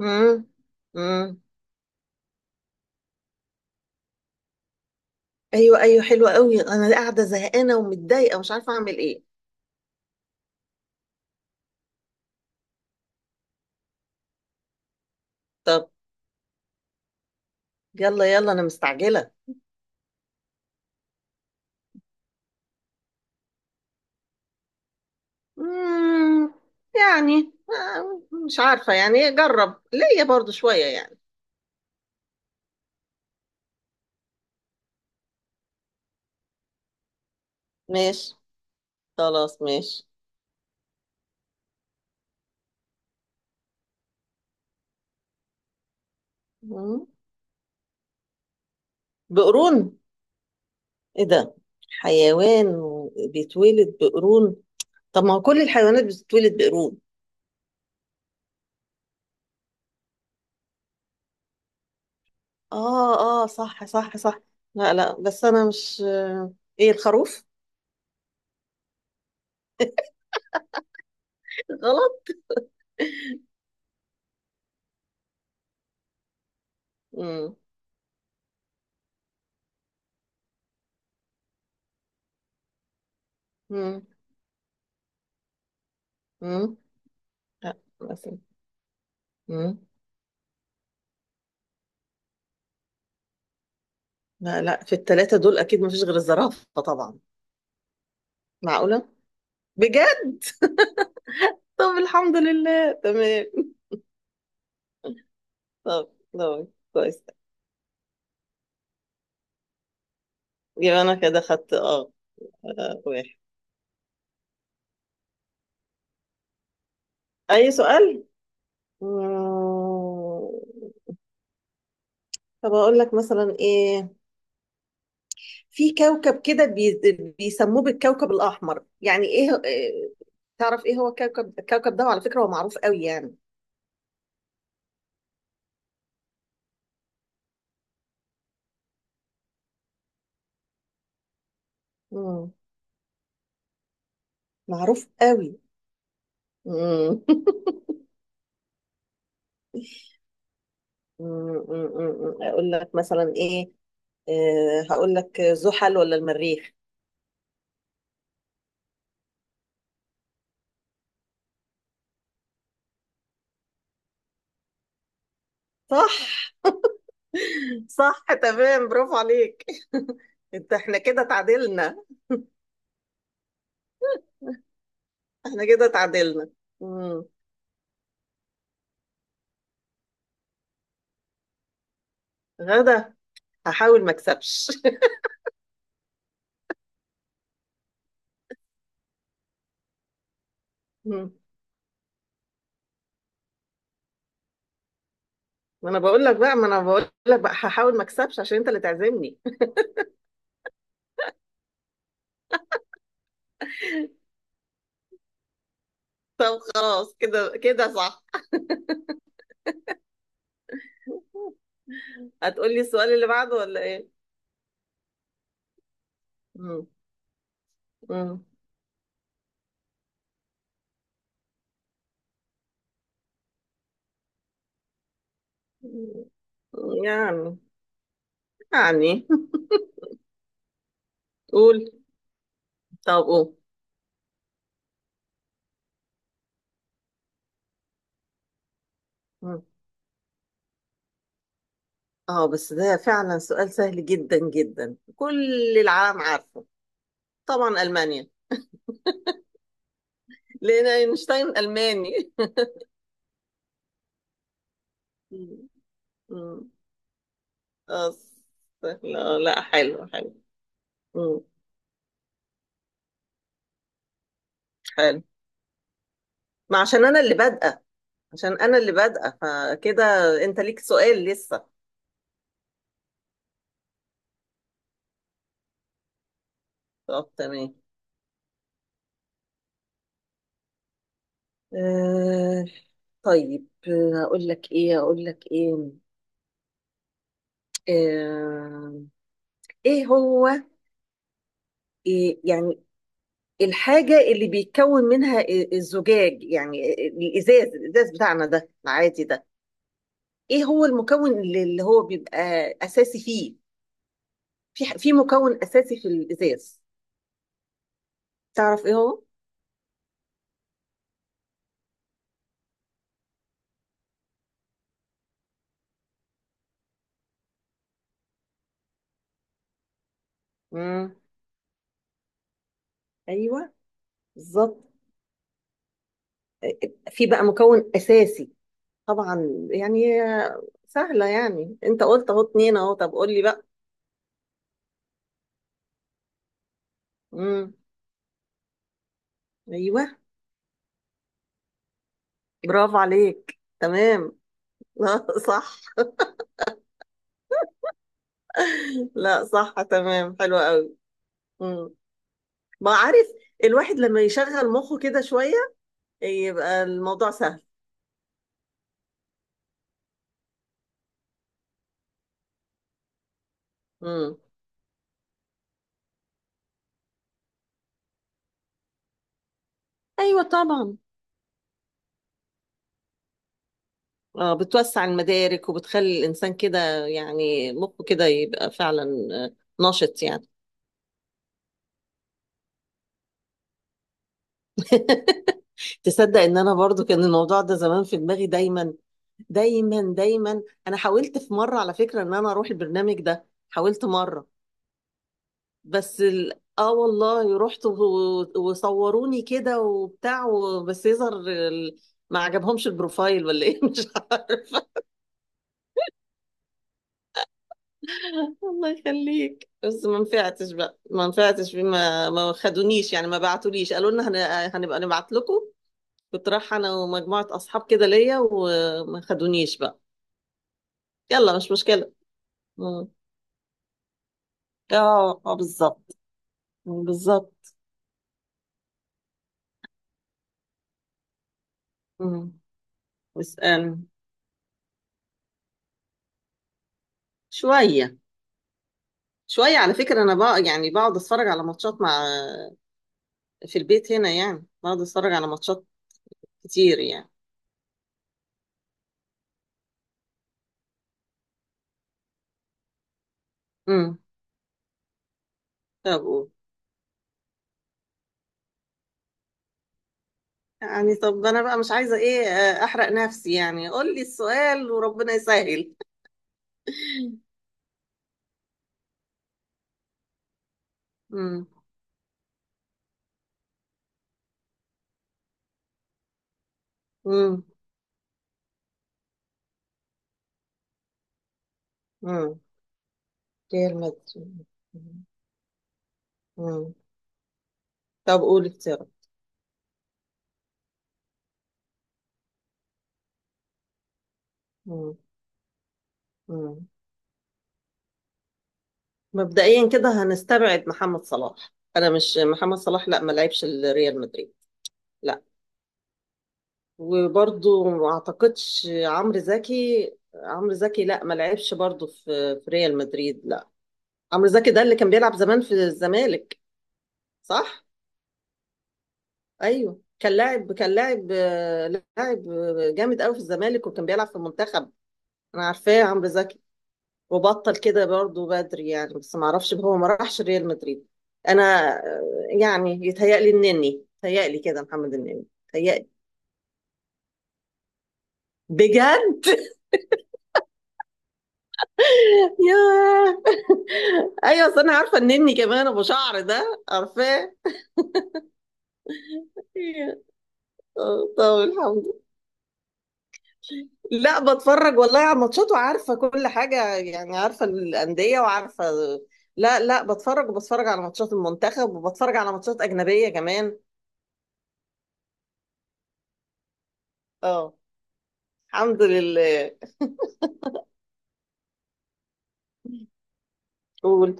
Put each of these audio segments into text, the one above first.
امم. امم. ايوه ايوه، حلوه قوي. انا قاعده زهقانه ومتضايقه ومش عارفه اعمل ايه. طب يلا يلا، انا مستعجله. امم. يعني مش عارفه، يعني جرب ليا برضو شويه يعني. ماشي. خلاص ماشي. مم. بقرون. ايه ده؟ حيوان بيتولد بقرون؟ طب ما هو كل الحيوانات بتتولد بقرون. اه. اه صح صح صح. لا لا، بس انا مش ايه الخروف؟ غلط. امم. مم. لا، مثلا. مم. لا لا، في الثلاثة دول أكيد مفيش غير الزرافة طبعا. معقولة؟ بجد؟ طب الحمد لله، تمام. طب طب. كويس. يبقى أنا كده خدت واحد. أي سؤال؟ مم. طب أقول لك مثلا إيه. في كوكب كده بيسموه بالكوكب الأحمر. يعني تعرف إيه هو الكوكب ده؟ وعلى فكرة هو معروف قوي يعني. مم. معروف قوي. مم. مم، اقول لك مثلا ايه. هقول لك زحل ولا المريخ؟ صح. صح تمام، برافو عليك. احنا كده تعادلنا. احنا كده تعادلنا. مم. غدا. هحاول ما اكسبش. مم. ما انا بقول لك بقى ما انا بقول لك بقى هحاول ما اكسبش عشان انت اللي تعزمني. طب خلاص، كده كده صح. هتقولي السؤال اللي بعده ولا ايه؟ مم. مم. يعني يعني قول طب قول. اه بس ده فعلا سؤال سهل جدا جدا، كل العالم عارفه. طبعا المانيا. لان اينشتاين الماني. مم. مم. اه لا لا، حلو حلو. مم. حلو. ما عشان انا اللي بادئه. عشان انا اللي بادئه فكده. انت ليك سؤال لسه؟ طب تمام. آه اقول لك ايه، آه ايه هو؟ إيه يعني الحاجة اللي بيتكون منها الزجاج، يعني الإزاز، بتاعنا ده العادي ده؟ إيه هو المكون اللي هو بيبقى أساسي فيه؟ في في مكون أساسي في الإزاز. تعرف إيه هو؟ مم. أيوه. بالظبط. في بقى مكون أساسي، طبعا يعني، سهلة يعني. أنت قلت أهو اتنين، أهو طب قول لي بقى. مم. أيوه. برافو عليك، تمام. لا صح لا صح تمام، حلوة قوي. ما عارف، الواحد لما يشغل مخه كده شوية يبقى الموضوع سهل. امم. ايوه طبعا. اه، بتوسع المدارك وبتخلي الانسان كده، يعني مخه كده يبقى فعلا نشط يعني. تصدق ان انا برضو كان الموضوع ده زمان في دماغي، دايما دايما دايما. انا حاولت في مرة على فكرة ان انا اروح البرنامج ده، حاولت مرة. بس ال... اه والله رحت وصوروني كده وبتاع بس يظهر ما عجبهمش البروفايل ولا ايه، مش عارف. الله يخليك. بس ما نفعتش بقى، ما نفعتش بما ما خدونيش يعني، ما بعتوليش، قالوا لنا هنبقى نبعت لكم. كنت رايحه انا ومجموعه اصحاب كده ليا، وما خدونيش بقى. يلا مش مشكله. مم. اه اه، بالظبط، بالظبط. مم. اسأل. شويه شويه، على فكره انا بقى، يعني بقعد اتفرج على ماتشات مع في البيت هنا يعني، بقعد اتفرج على ماتشات كتير يعني. امم. طب قول. يعني طب انا بقى مش عايزه ايه، احرق نفسي يعني، قول لي السؤال وربنا يسهل. امم. امم. امم. كلمة. امم. طب قول اختيارات. امم. امم. مبدئيا كده هنستبعد محمد صلاح، انا مش محمد صلاح لا، ما لعبش الريال مدريد، لا. وبرضو ما اعتقدش عمرو زكي، عمرو زكي لا، ما لعبش برضو في ريال مدريد، لا. عمرو زكي ده اللي كان بيلعب زمان في الزمالك، صح. ايوه، كان لاعب، لاعب جامد قوي في الزمالك، وكان بيلعب في المنتخب. انا عارفاه عمرو زكي. وبطل كده برضه بدري يعني، بس ما اعرفش هو ما راحش ريال مدريد. انا آه، يعني يتهيألي النني، يتهيألي كده محمد النني يتهيألي. بجد. ياه. ايوه، أصل انا عارفه النني كمان، ابو شعر ده، عارفاه. طب الحمد. لا، بتفرج والله على ماتشات وعارفة كل حاجة، يعني عارفة الأندية وعارفة. لا لا، بتفرج وبتفرج على ماتشات المنتخب، وبتفرج على ماتشات أجنبية كمان. اه. الحمد لله. قول.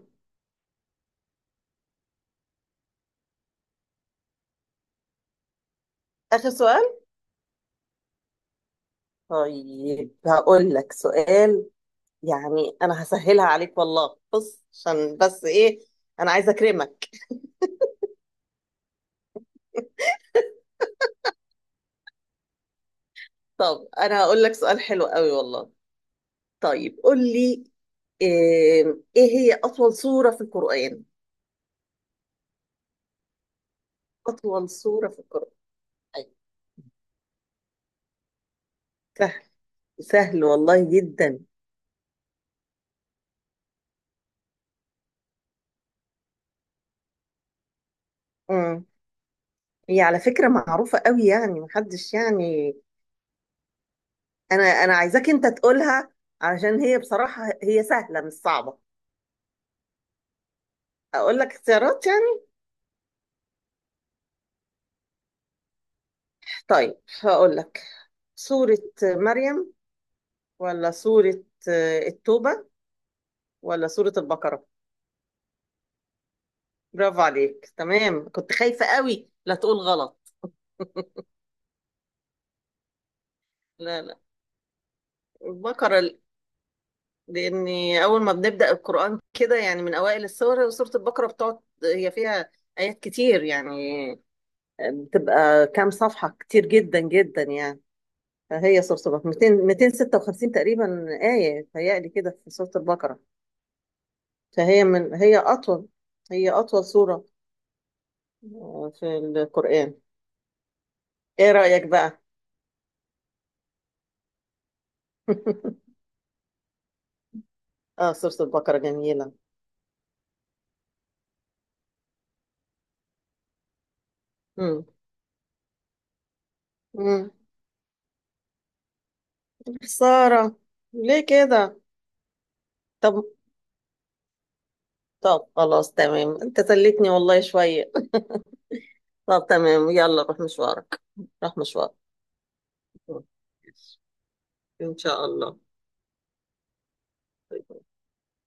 آخر سؤال. طيب هقول لك سؤال، يعني أنا هسهلها عليك والله، بص عشان بس إيه، أنا عايزة أكرمك. طب أنا هقول لك سؤال حلو قوي والله. طيب قول لي. إيه إيه هي أطول سورة في القرآن؟ أطول سورة في القرآن. سهل، سهل والله جدا. امم. هي على فكرة معروفة قوي يعني، محدش يعني. انا عايزاك انت تقولها، علشان هي بصراحة هي سهلة مش صعبة. اقول لك اختيارات يعني. طيب هقول لك: سورة مريم، ولا سورة التوبة، ولا سورة البقرة؟ برافو عليك تمام، كنت خايفة قوي لا تقول غلط. لا لا، البقرة. لاني اول ما بنبدا القران كده، يعني من اوائل السور سوره البقره بتقعد. هي فيها ايات كتير يعني، بتبقى كام صفحه، كتير جدا جدا يعني. فهي سوره البقره 200 256 تقريبا، ايه تهيألي كده في سوره البقره. فهي هي اطول، هي اطول سوره في القران. ايه رايك بقى؟ اه، سوره البقره جميله. امم. امم. خساره، ليه كده؟ طب طب، خلاص تمام، انت سليتني والله شويه. طب تمام، يلا روح مشوارك. روح مشوارك. إن شاء الله.